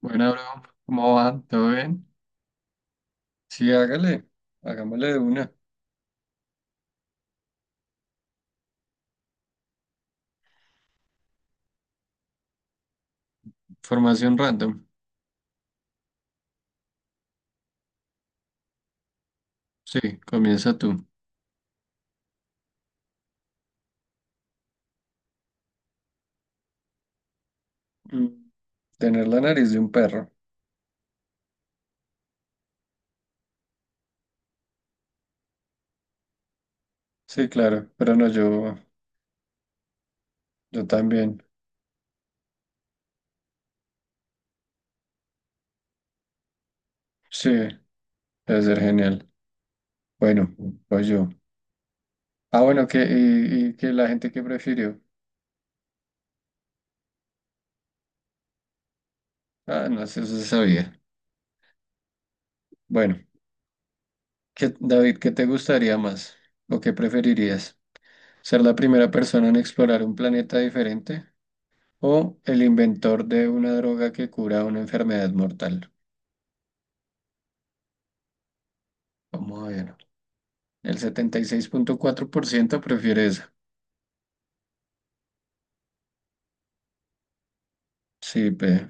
Bueno, bro, ¿cómo va? ¿Todo bien? Sí, hágale, hagámosle de una. Formación random. Sí, comienza tú. Mm, tener la nariz de un perro. Sí, claro, pero no, yo también. Sí, debe ser genial. Bueno, pues yo. Ah, bueno, que, y que la gente que prefirió. Ah, no sé, eso se sabía. Bueno, David, ¿qué te gustaría más? ¿O qué preferirías? ¿Ser la primera persona en explorar un planeta diferente? O el inventor de una droga que cura una enfermedad mortal. Vamos a ver. El 76,4% prefiere esa. Sí, pe.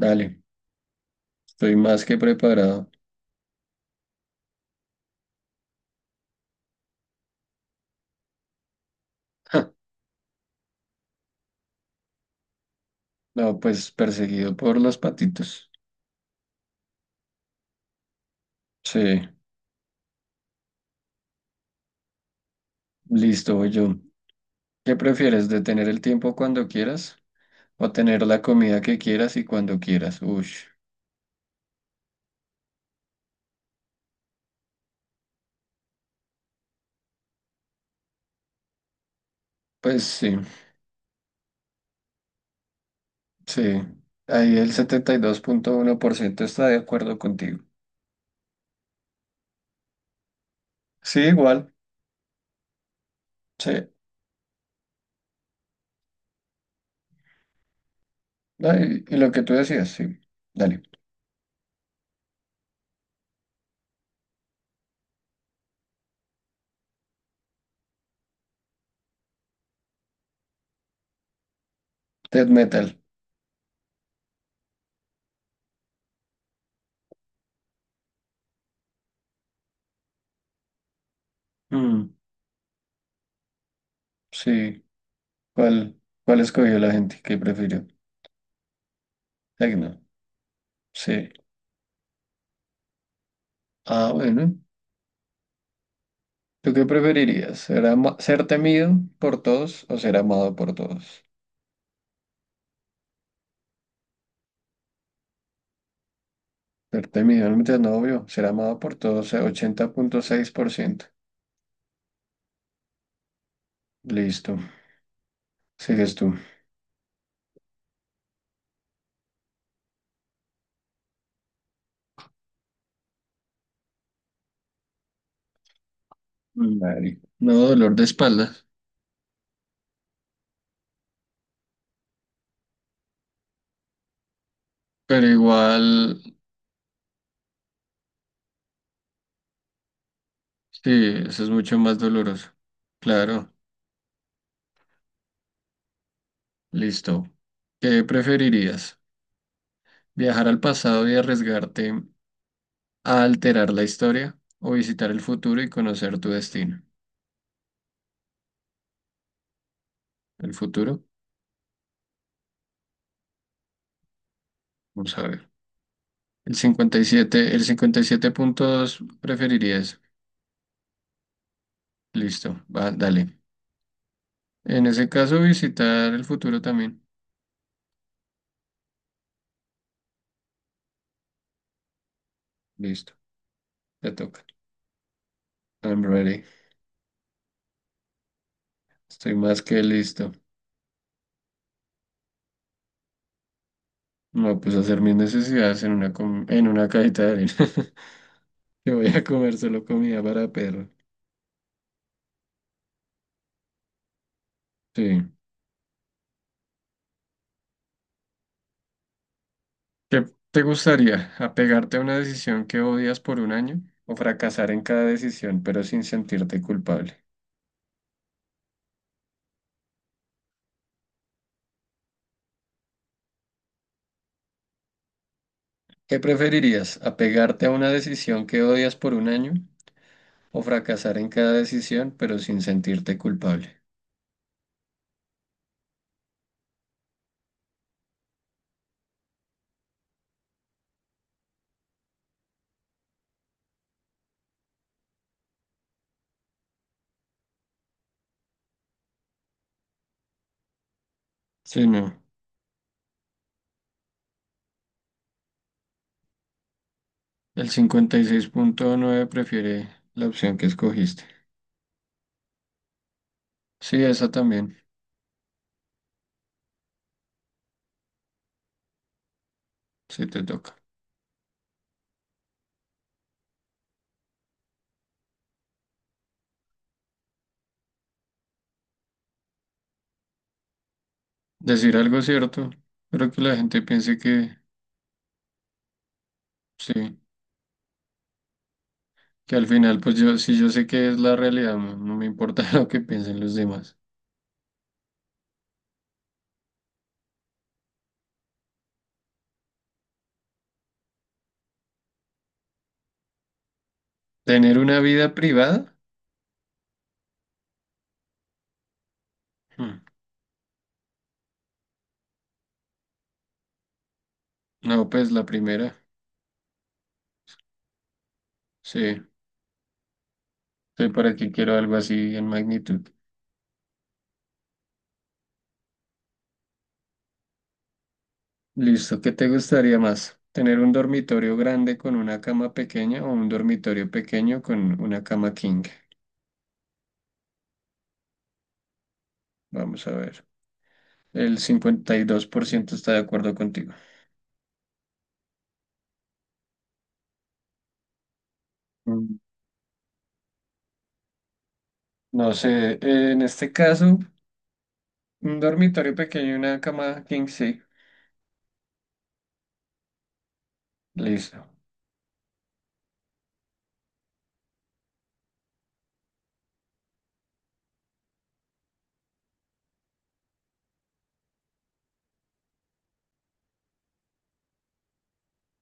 Dale. Estoy más que preparado. Ja, no, pues perseguido por los patitos. Sí, listo, voy yo. ¿Qué prefieres? ¿Detener el tiempo cuando quieras? ¿O tener la comida que quieras y cuando quieras? Pues sí, sí. Ahí el 72,1% está de acuerdo contigo. Sí, igual. Sí. Ah, y lo que tú decías, sí. Dale. Death metal. Mm, sí. ¿Cuál, ¿Cuál escogió la gente? ¿Qué prefirió? Tecno. Sí. Ah, bueno. ¿Tú qué preferirías? ¿Ser temido por todos o ser amado por todos? Ser temido, no metas novio. Ser amado por todos, 80,6%. Listo. Sigues tú. Dale. No, dolor de espalda. Pero igual, sí, eso es mucho más doloroso. Claro. Listo. ¿Qué preferirías? Viajar al pasado y arriesgarte a alterar la historia o visitar el futuro y conocer tu destino. El futuro, vamos a ver. El cincuenta y siete, el 57,2 preferirías. Listo, va, dale. En ese caso, visitar el futuro también. Listo, te toca. I'm ready. Estoy más que listo. No, pues hacer mis necesidades en en una cajita de arena. Yo voy a comer solo comida para perro. Sí. ¿Qué te gustaría? ¿Apegarte a una decisión que odias por un año o fracasar en cada decisión pero sin sentirte culpable? ¿Qué preferirías? ¿Apegarte a una decisión que odias por un año o fracasar en cada decisión pero sin sentirte culpable? Sí, no. El 56,9 prefiere la opción que escogiste. Sí, esa también, sí te toca. Decir algo cierto, pero que la gente piense que sí. Que al final, pues yo, si yo sé que es la realidad, no me importa lo que piensen los demás. ¿Tener una vida privada? Hmm, no, pues la primera. Sí, sí, para qué quiero algo así en magnitud. Listo, ¿qué te gustaría más? ¿Tener un dormitorio grande con una cama pequeña o un dormitorio pequeño con una cama king? Vamos a ver. El 52% está de acuerdo contigo. Mm, no sé, en este caso, un dormitorio pequeño y una cama king, sí. Listo.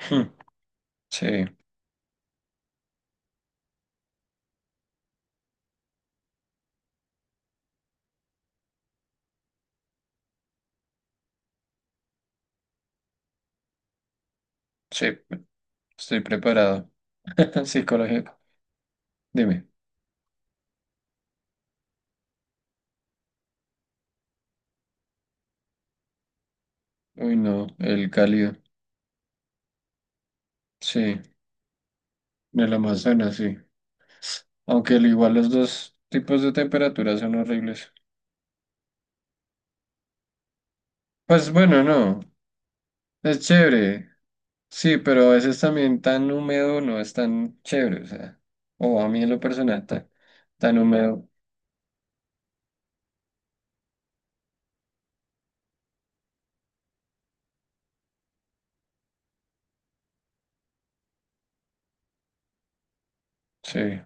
Hmm, sí. Sí, estoy preparado. Psicológico. Dime. Uy, no, el cálido. Sí, el Amazonas, sí. Aunque al igual los dos tipos de temperaturas son horribles. Pues bueno, no, es chévere. Sí, pero a veces también tan húmedo no es tan chévere, o sea. O a mí en lo personal, tan húmedo. Sí,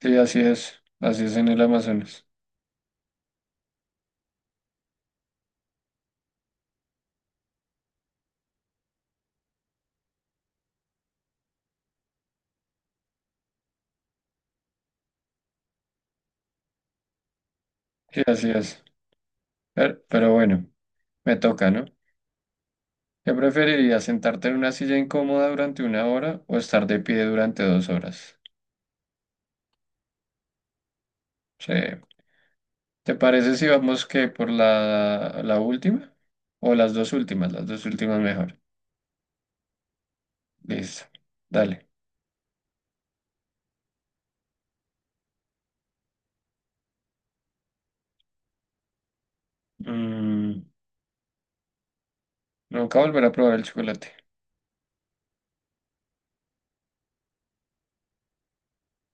sí, así es. Así es en el Amazonas. Sí, así es. Pero bueno, me toca, ¿no? ¿Qué preferirías, sentarte en una silla incómoda durante una hora o estar de pie durante dos horas? Sí. ¿Te parece si vamos que por la última? O las dos últimas mejor. Listo. Dale. Mm, nunca volver a probar el chocolate.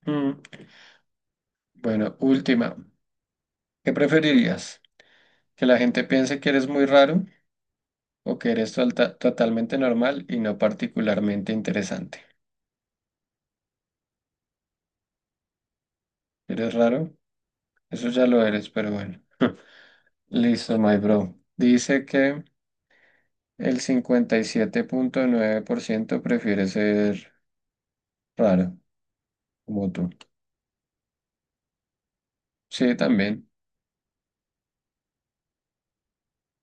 Mm, bueno, última. ¿Qué preferirías? ¿Que la gente piense que eres muy raro o que eres totalmente normal y no particularmente interesante? ¿Eres raro? Eso ya lo eres, pero bueno. Listo, my bro. Dice que el 57,9% prefiere ser raro, como tú. Sí, también.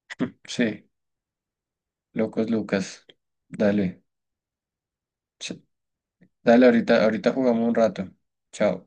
Sí, locos Lucas. Dale. Ch- dale, ahorita, ahorita jugamos un rato. Chao.